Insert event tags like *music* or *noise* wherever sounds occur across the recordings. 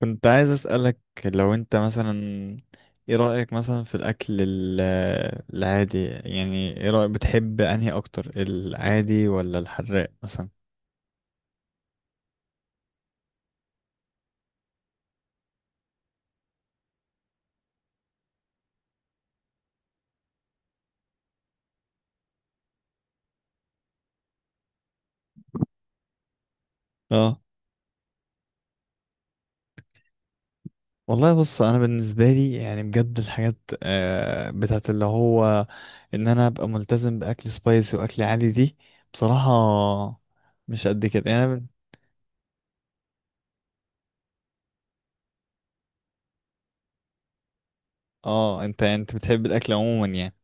كنت عايز أسألك لو انت مثلا ايه رأيك مثلا في الأكل العادي؟ يعني ايه رأيك، بتحب انهي اكتر، العادي ولا الحراق مثلا؟ اه والله بص انا بالنسبة لي يعني بجد الحاجات بتاعت اللي هو ان انا ابقى ملتزم بأكل سبايسي وأكل عادي دي بصراحة مش قد كده. يعني اه، انت بتحب الأكل عموما يعني؟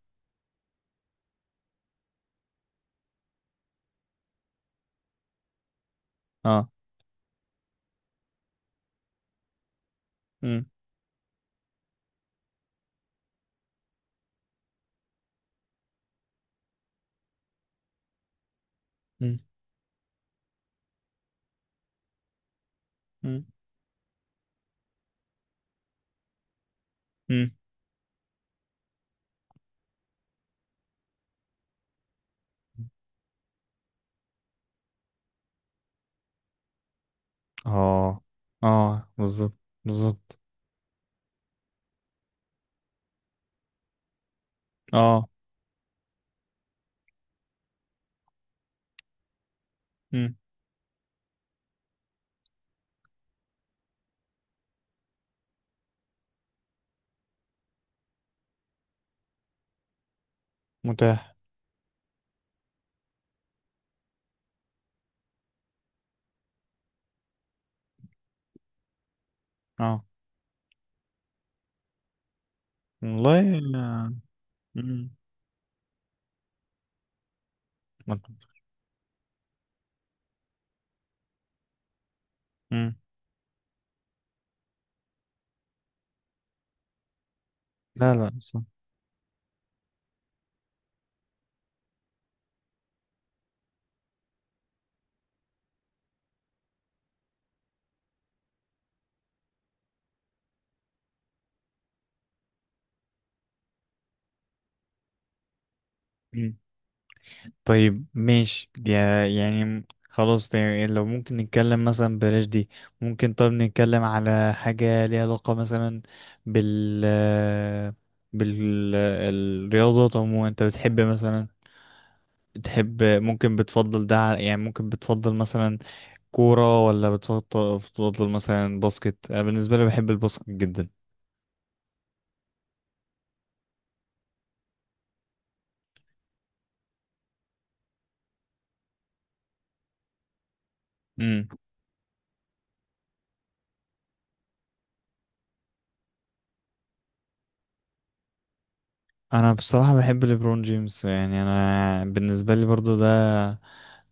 اه. امم. امم. امم. اه. اه، بالظبط. بالظبط. اه. مم. متاح. اه. والله. آه. مم. مت- مم. لا لا، صح. مم. طيب ماشي يعني خلاص ده، يعني لو ممكن نتكلم مثلا بلاش دي. ممكن طب نتكلم على حاجة ليها علاقة مثلا بال بالرياضات عموما، انت بتحب مثلا تحب؟ ممكن بتفضل يعني ممكن بتفضل مثلا كورة ولا بتفضل بتفضل مثلا باسكت؟ أنا بالنسبة لي بحب الباسكت جدا. انا بصراحة بحب ليبرون جيمس، يعني انا بالنسبة لي برضو ده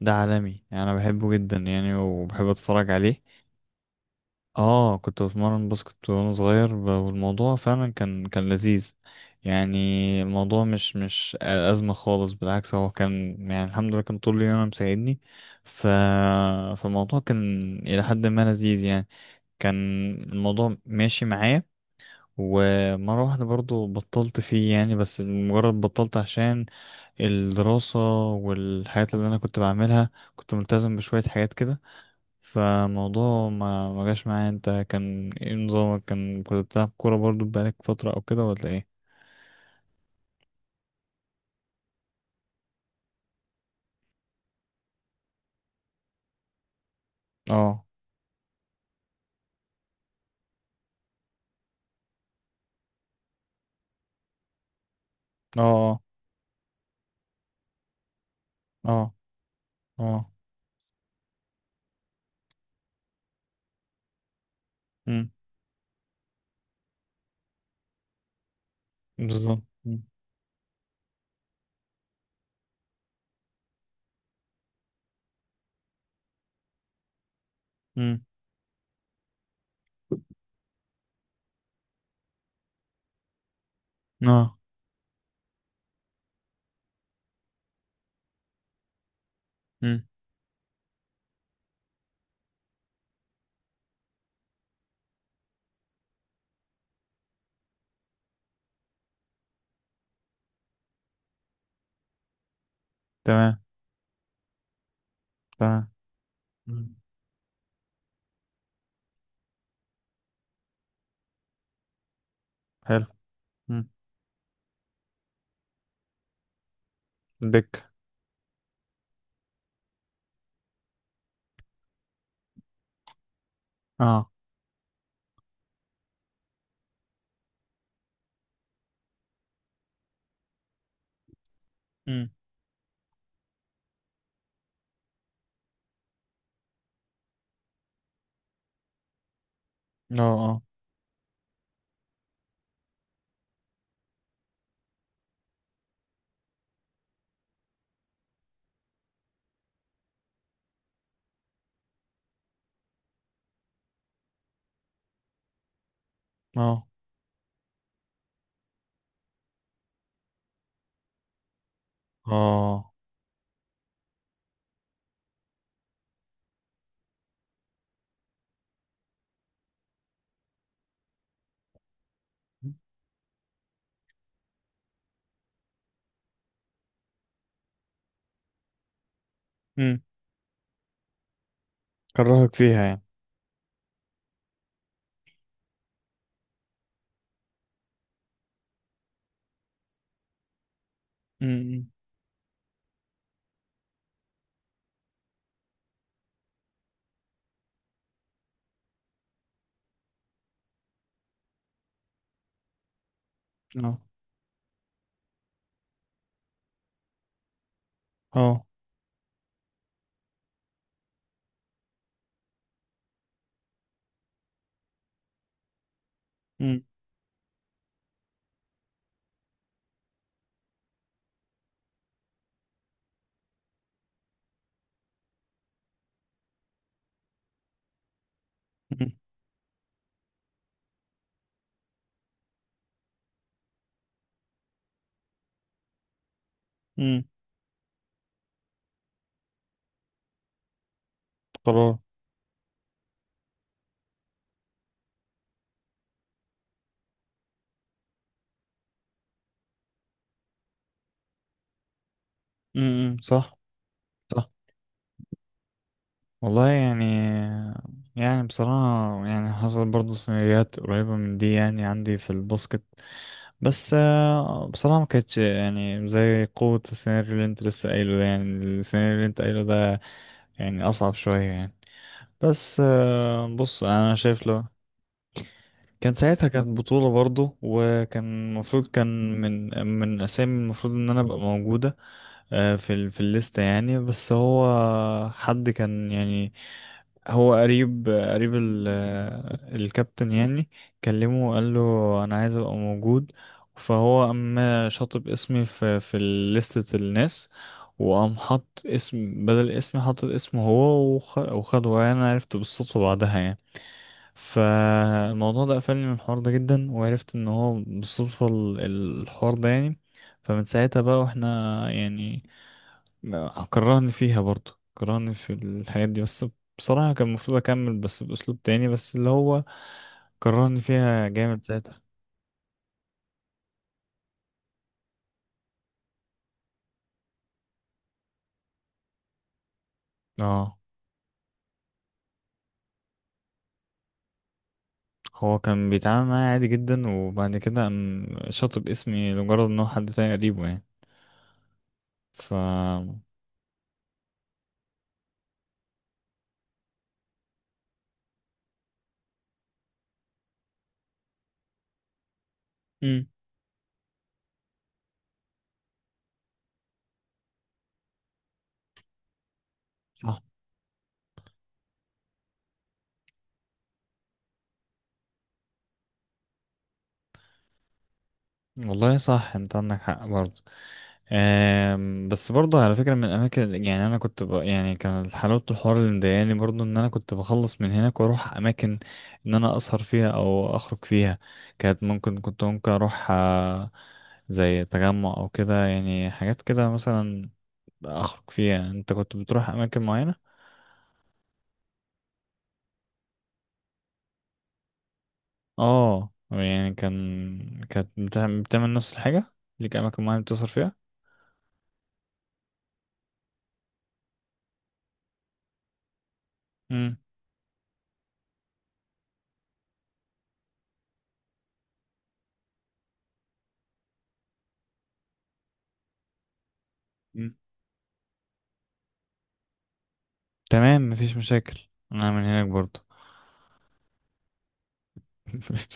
ده عالمي يعني، انا بحبه جدا يعني وبحب اتفرج عليه. اه كنت بتمرن باسكت وانا صغير والموضوع فعلا كان لذيذ يعني. الموضوع مش أزمة خالص، بالعكس هو كان يعني الحمد لله كان طول اليوم أنا مساعدني. ف... فالموضوع كان إلى حد ما لذيذ يعني، كان الموضوع ماشي معايا. ومرة واحدة برضو بطلت فيه يعني، بس مجرد بطلت عشان الدراسة والحاجات اللي أنا كنت بعملها. كنت ملتزم بشوية حاجات كده، فالموضوع ما جاش معايا. انت كان ايه نظامك؟ كان كنت بتلعب كورة برضو بقالك فترة أو كده ولا ايه؟ اه. اه. اه. اه. اه. امم. بالظبط، امم. امم. اه. امم. تمام. تمام. امم. حلو. امم. دك، اه. امم. اه. اه. اه. اه. كرهك فيها يعني. امم. اه. اه. امم. امم. قرار. امم، صح. صح. والله يعني، يعني بصراحة يعني حصل برضه سيناريوهات قريبة من دي يعني عندي في الباسكت، بس بصراحة ما كانتش يعني زي قوة السيناريو اللي انت لسه قايله ده، يعني السيناريو اللي انت قايله ده يعني أصعب شوية يعني. بس بص أنا شايف لو كان ساعتها كانت بطولة برضه، وكان المفروض كان من الأسامي المفروض إن أنا أبقى موجودة في في الليستة يعني. بس هو حد كان يعني هو قريب الكابتن يعني، كلمه وقال له أنا عايز أبقى موجود، فهو قام شاطب اسمي في لستة الناس، وقام حط اسم بدل اسمي، حط اسمه هو وخده يعني. أنا عرفت بالصدفة بعدها يعني. فالموضوع ده قفلني من الحوار ده جدا، وعرفت ان هو بالصدفة الحوار ده يعني. فمن ساعتها بقى واحنا يعني كرهني فيها برضه، كرهني في الحاجات دي. بس بصراحة كان المفروض اكمل بس باسلوب تاني، بس اللي هو كرهني فيها جامد ساعتها. اه هو كان بيتعامل معايا عادي جدا، وبعد كده قام شاطب اسمي لمجرد ان هو حد تاني قريبه يعني. ف امم، صح. والله صح، انت عندك حق برضه. بس برضه على فكرة من الأماكن يعني أنا يعني كان حلاوة الحوار اللي مضايقاني برضه إن أنا كنت بخلص من هناك وأروح أماكن إن أنا أسهر فيها أو أخرج فيها. كانت ممكن، كنت ممكن أروح زي تجمع أو كده يعني، حاجات كده مثلا أخرج فيها. أنت كنت بتروح أماكن معينة؟ آه يعني كان كانت بتعمل نفس الحاجة؟ ليك أماكن معينة بتسهر فيها؟ مم. مم. تمام مفيش مشاكل أنا من هناك برضه. *laughs*